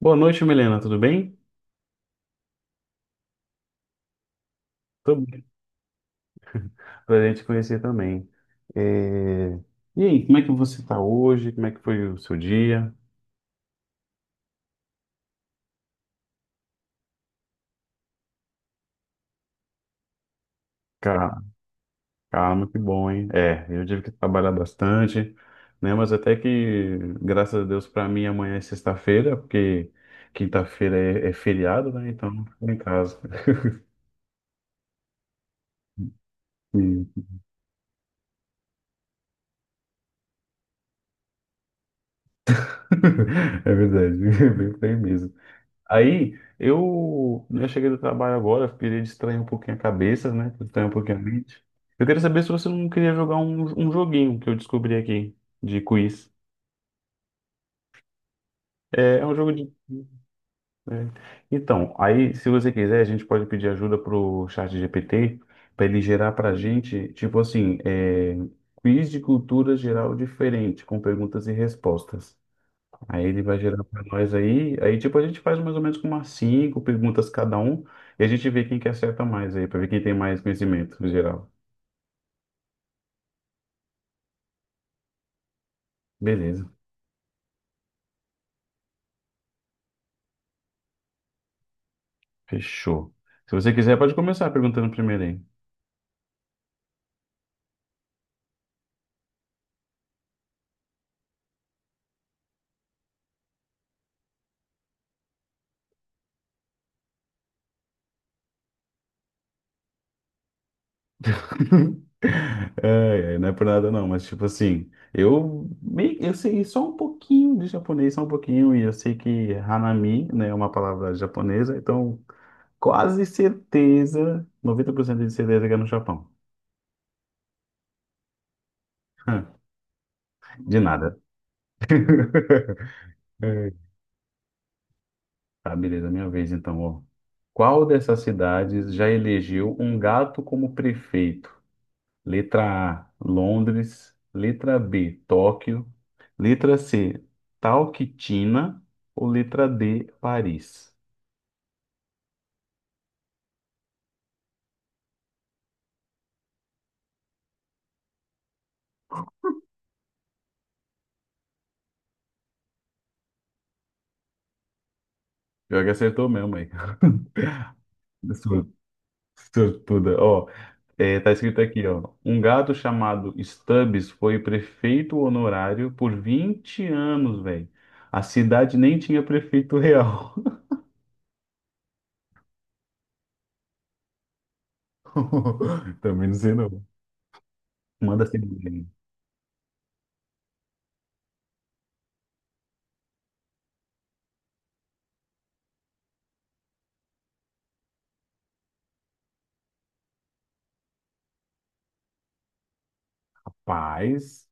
Boa noite, Milena, tudo bem? Tô bem. Prazer em te conhecer também. É, E aí, como é que você está hoje? Como é que foi o seu dia? Ca- Calma, que bom, hein? Eu tive que trabalhar bastante, né? Mas até que, graças a Deus, para mim amanhã é sexta-feira, porque quinta-feira é feriado, né? Então, fico em casa. Sim. É verdade, bem mesmo. Aí eu, né, eu cheguei do trabalho agora, queria distrair um pouquinho a cabeça, né? Distrair um pouquinho a mente. Eu queria saber se você não queria jogar um joguinho que eu descobri aqui de quiz. É, é um jogo de. É. Então, aí se você quiser, a gente pode pedir ajuda pro Chat GPT para ele gerar pra gente, tipo assim, é, quiz de cultura geral diferente, com perguntas e respostas. Aí ele vai gerar para nós aí. Aí, tipo, a gente faz mais ou menos com umas cinco perguntas cada um. E a gente vê quem que acerta mais aí, para ver quem tem mais conhecimento no geral. Beleza, fechou. Se você quiser, pode começar perguntando primeiro aí. Não é por nada não, mas tipo assim, eu meio, eu sei só um pouquinho de japonês, só um pouquinho, e eu sei que hanami, né, é uma palavra japonesa, então quase certeza, 90% de certeza que é no Japão. De nada. Tá, beleza, minha vez então, ó. Qual dessas cidades já elegeu um gato como prefeito? Letra A, Londres. Letra B, Tóquio. Letra C, Talquitina. Ou letra D, Paris? Pior que acertou mesmo aí. Sur- Sortuda. Ó, é, tá escrito aqui, ó. Um gato chamado Stubbs foi prefeito honorário por 20 anos, velho. A cidade nem tinha prefeito real. Também não sei não. Manda assim, paz,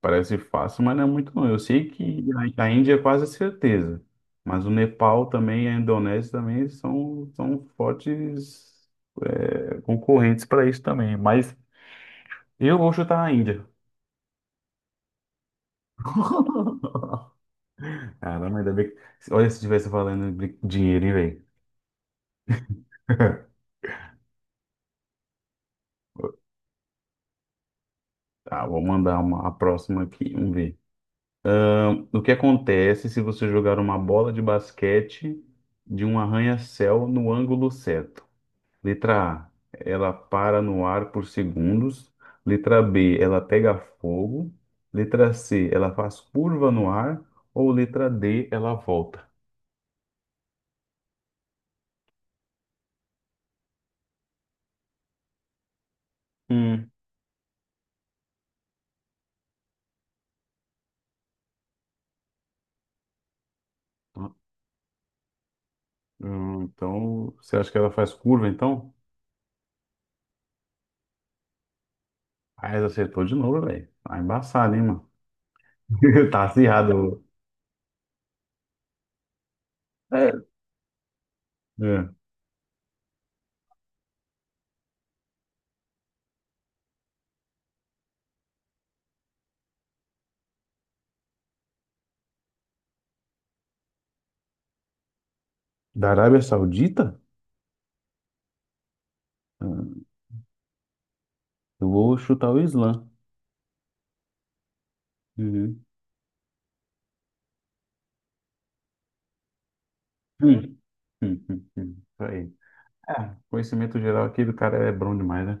parece fácil, mas não é muito não. Eu sei que a Índia é quase certeza, mas o Nepal também, a Indonésia também são, são fortes é, concorrentes para isso também. Mas eu vou chutar a Índia. Caramba, ainda bem que... Olha, se tivesse valendo dinheiro, hein, velho? Tá, vou mandar uma, a próxima aqui, vamos ver. O que acontece se você jogar uma bola de basquete de um arranha-céu no ângulo certo? Letra A, ela para no ar por segundos. Letra B, ela pega fogo. Letra C, ela faz curva no ar. Ou letra D, ela volta. Hum. Então, você acha que ela faz curva, então? Ah, ela acertou de novo, velho. Tá embaçado, hein, mano? Tá acirrado. É, é. Da Arábia Saudita? Hum, Eu vou chutar o Islã. Uhum. Hum, Isso aí. É, conhecimento geral aqui do cara é bom demais,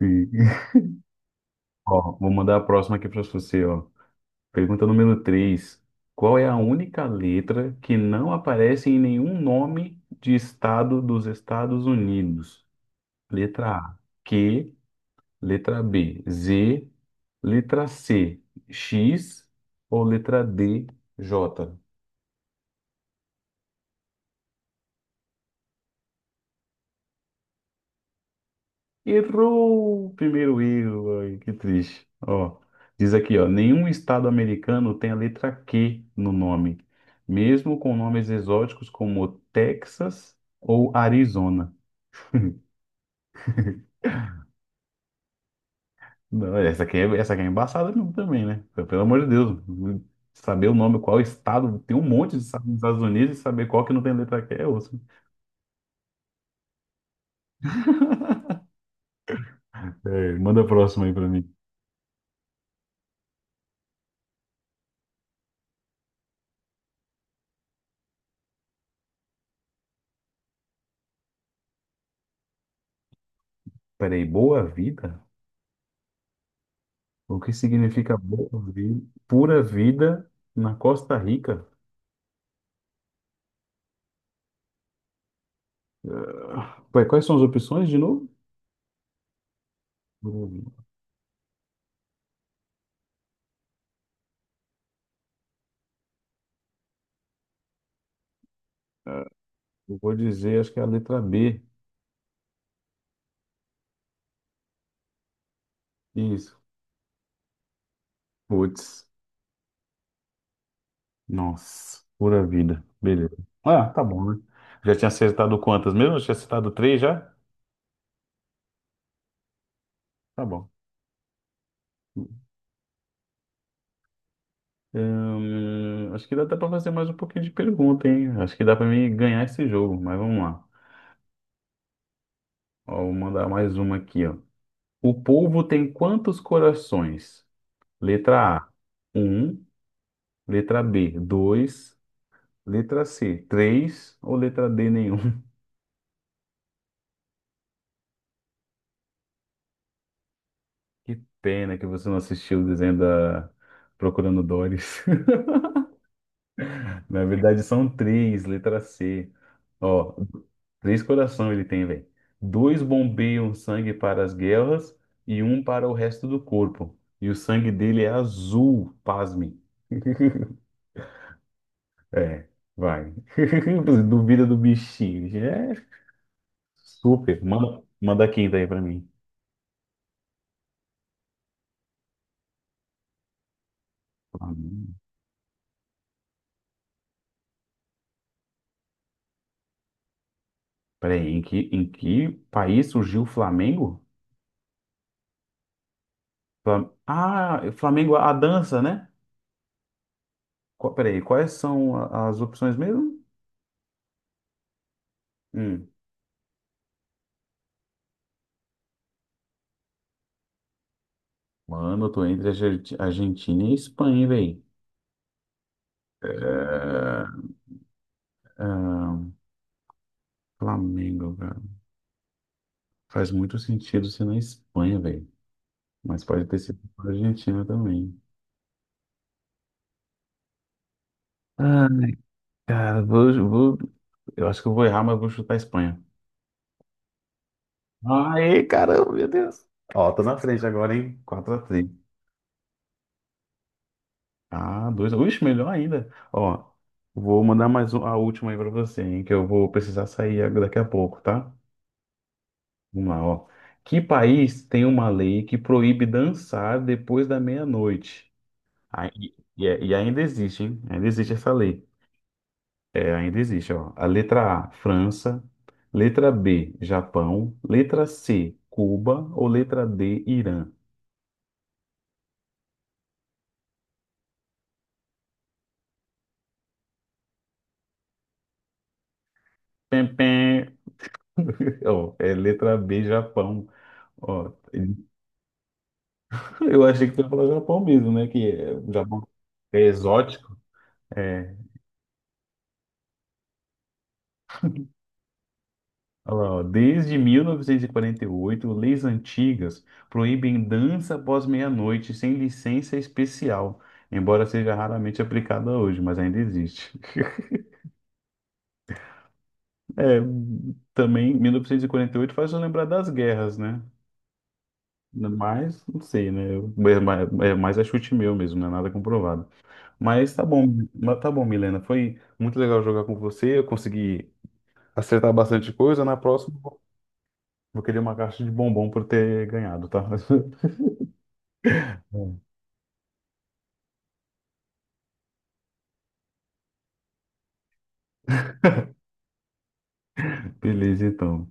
né? Ó, vou mandar a próxima aqui para você, ó. Pergunta número 3: qual é a única letra que não aparece em nenhum nome de estado dos Estados Unidos? Letra A, Q, letra B, Z, letra C, X ou letra D, J? Errou o primeiro erro, ai, que triste. Ó, diz aqui, ó, nenhum estado americano tem a letra Q no nome, mesmo com nomes exóticos como Texas ou Arizona. Não, essa aqui essa aqui é embaçada mesmo também, né? Pelo amor de Deus, saber o nome, qual estado, tem um monte de estados nos Estados Unidos e saber qual que não tem letra Q é osso. É, manda a próxima aí pra mim. Peraí, boa vida? O que significa boa vida? Pura vida na Costa Rica? Ué, quais são as opções de novo? Eu eu vou dizer, acho que é a letra B. Isso. Putz. Nossa, pura vida. Beleza. Ah, tá bom, né? Já tinha acertado quantas mesmo? Já tinha acertado três já? Tá bom. Acho que dá até pra fazer mais um pouquinho de pergunta, hein? Acho que dá pra mim ganhar esse jogo, mas vamos lá. Ó, vou mandar mais uma aqui, ó. O polvo tem quantos corações? Letra A, um. Letra B, dois. Letra C, três ou letra D, nenhum? Que pena que você não assistiu o desenho da Procurando Doris. Na verdade, são três, letra C. Ó, três corações ele tem, velho. Dois bombeiam sangue para as guerras e um para o resto do corpo. E o sangue dele é azul, pasme. É, vai. Duvida do bichinho. É, super. Manda a quinta aí pra mim. Flamengo. Peraí, em que país surgiu o Flamengo? Ah, Flamengo, a dança, né? Qual, peraí, quais são as opções mesmo? Hum. Mano, eu tô entre a Argentina e a Espanha, velho. Flamengo, cara. Faz muito sentido ser na Espanha, velho. Mas pode ter sido na Argentina também. Ah, cara, vou- eu acho que eu vou errar, mas eu vou chutar a Espanha. Aê, caramba, meu Deus. Ó, tô na frente agora, hein? Quatro a três. Ah, dois. Ixi, melhor ainda. Ó, vou mandar a última aí pra você, hein, que eu vou precisar sair daqui a pouco, tá? Vamos lá, ó. Que país tem uma lei que proíbe dançar depois da meia-noite? Ah, e ainda existe, hein? Ainda existe essa lei. É, ainda existe, ó. A letra A, França. Letra B, Japão. Letra C, Cuba. Ou letra D, Irã? Pem, pem. Ó, é letra B, Japão. Ó, eu achei que tu ia falar Japão mesmo, né? Que é, o Japão é exótico. É. Olha lá, ó. Desde 1948, leis antigas proíbem dança após meia-noite sem licença especial, embora seja raramente aplicada hoje, mas ainda existe. É, também 1948 faz eu lembrar das guerras, né? Mas, não sei, né? Eu- É mais a chute meu mesmo, não é nada comprovado. Mas tá bom, mas tá bom, Milena. Foi muito legal jogar com você. Eu consegui acertar bastante coisa, na próxima vou querer uma caixa de bombom por ter ganhado, tá? Bom. Beleza, então.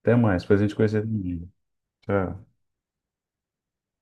Até mais, pra gente conhecer também. Tchau.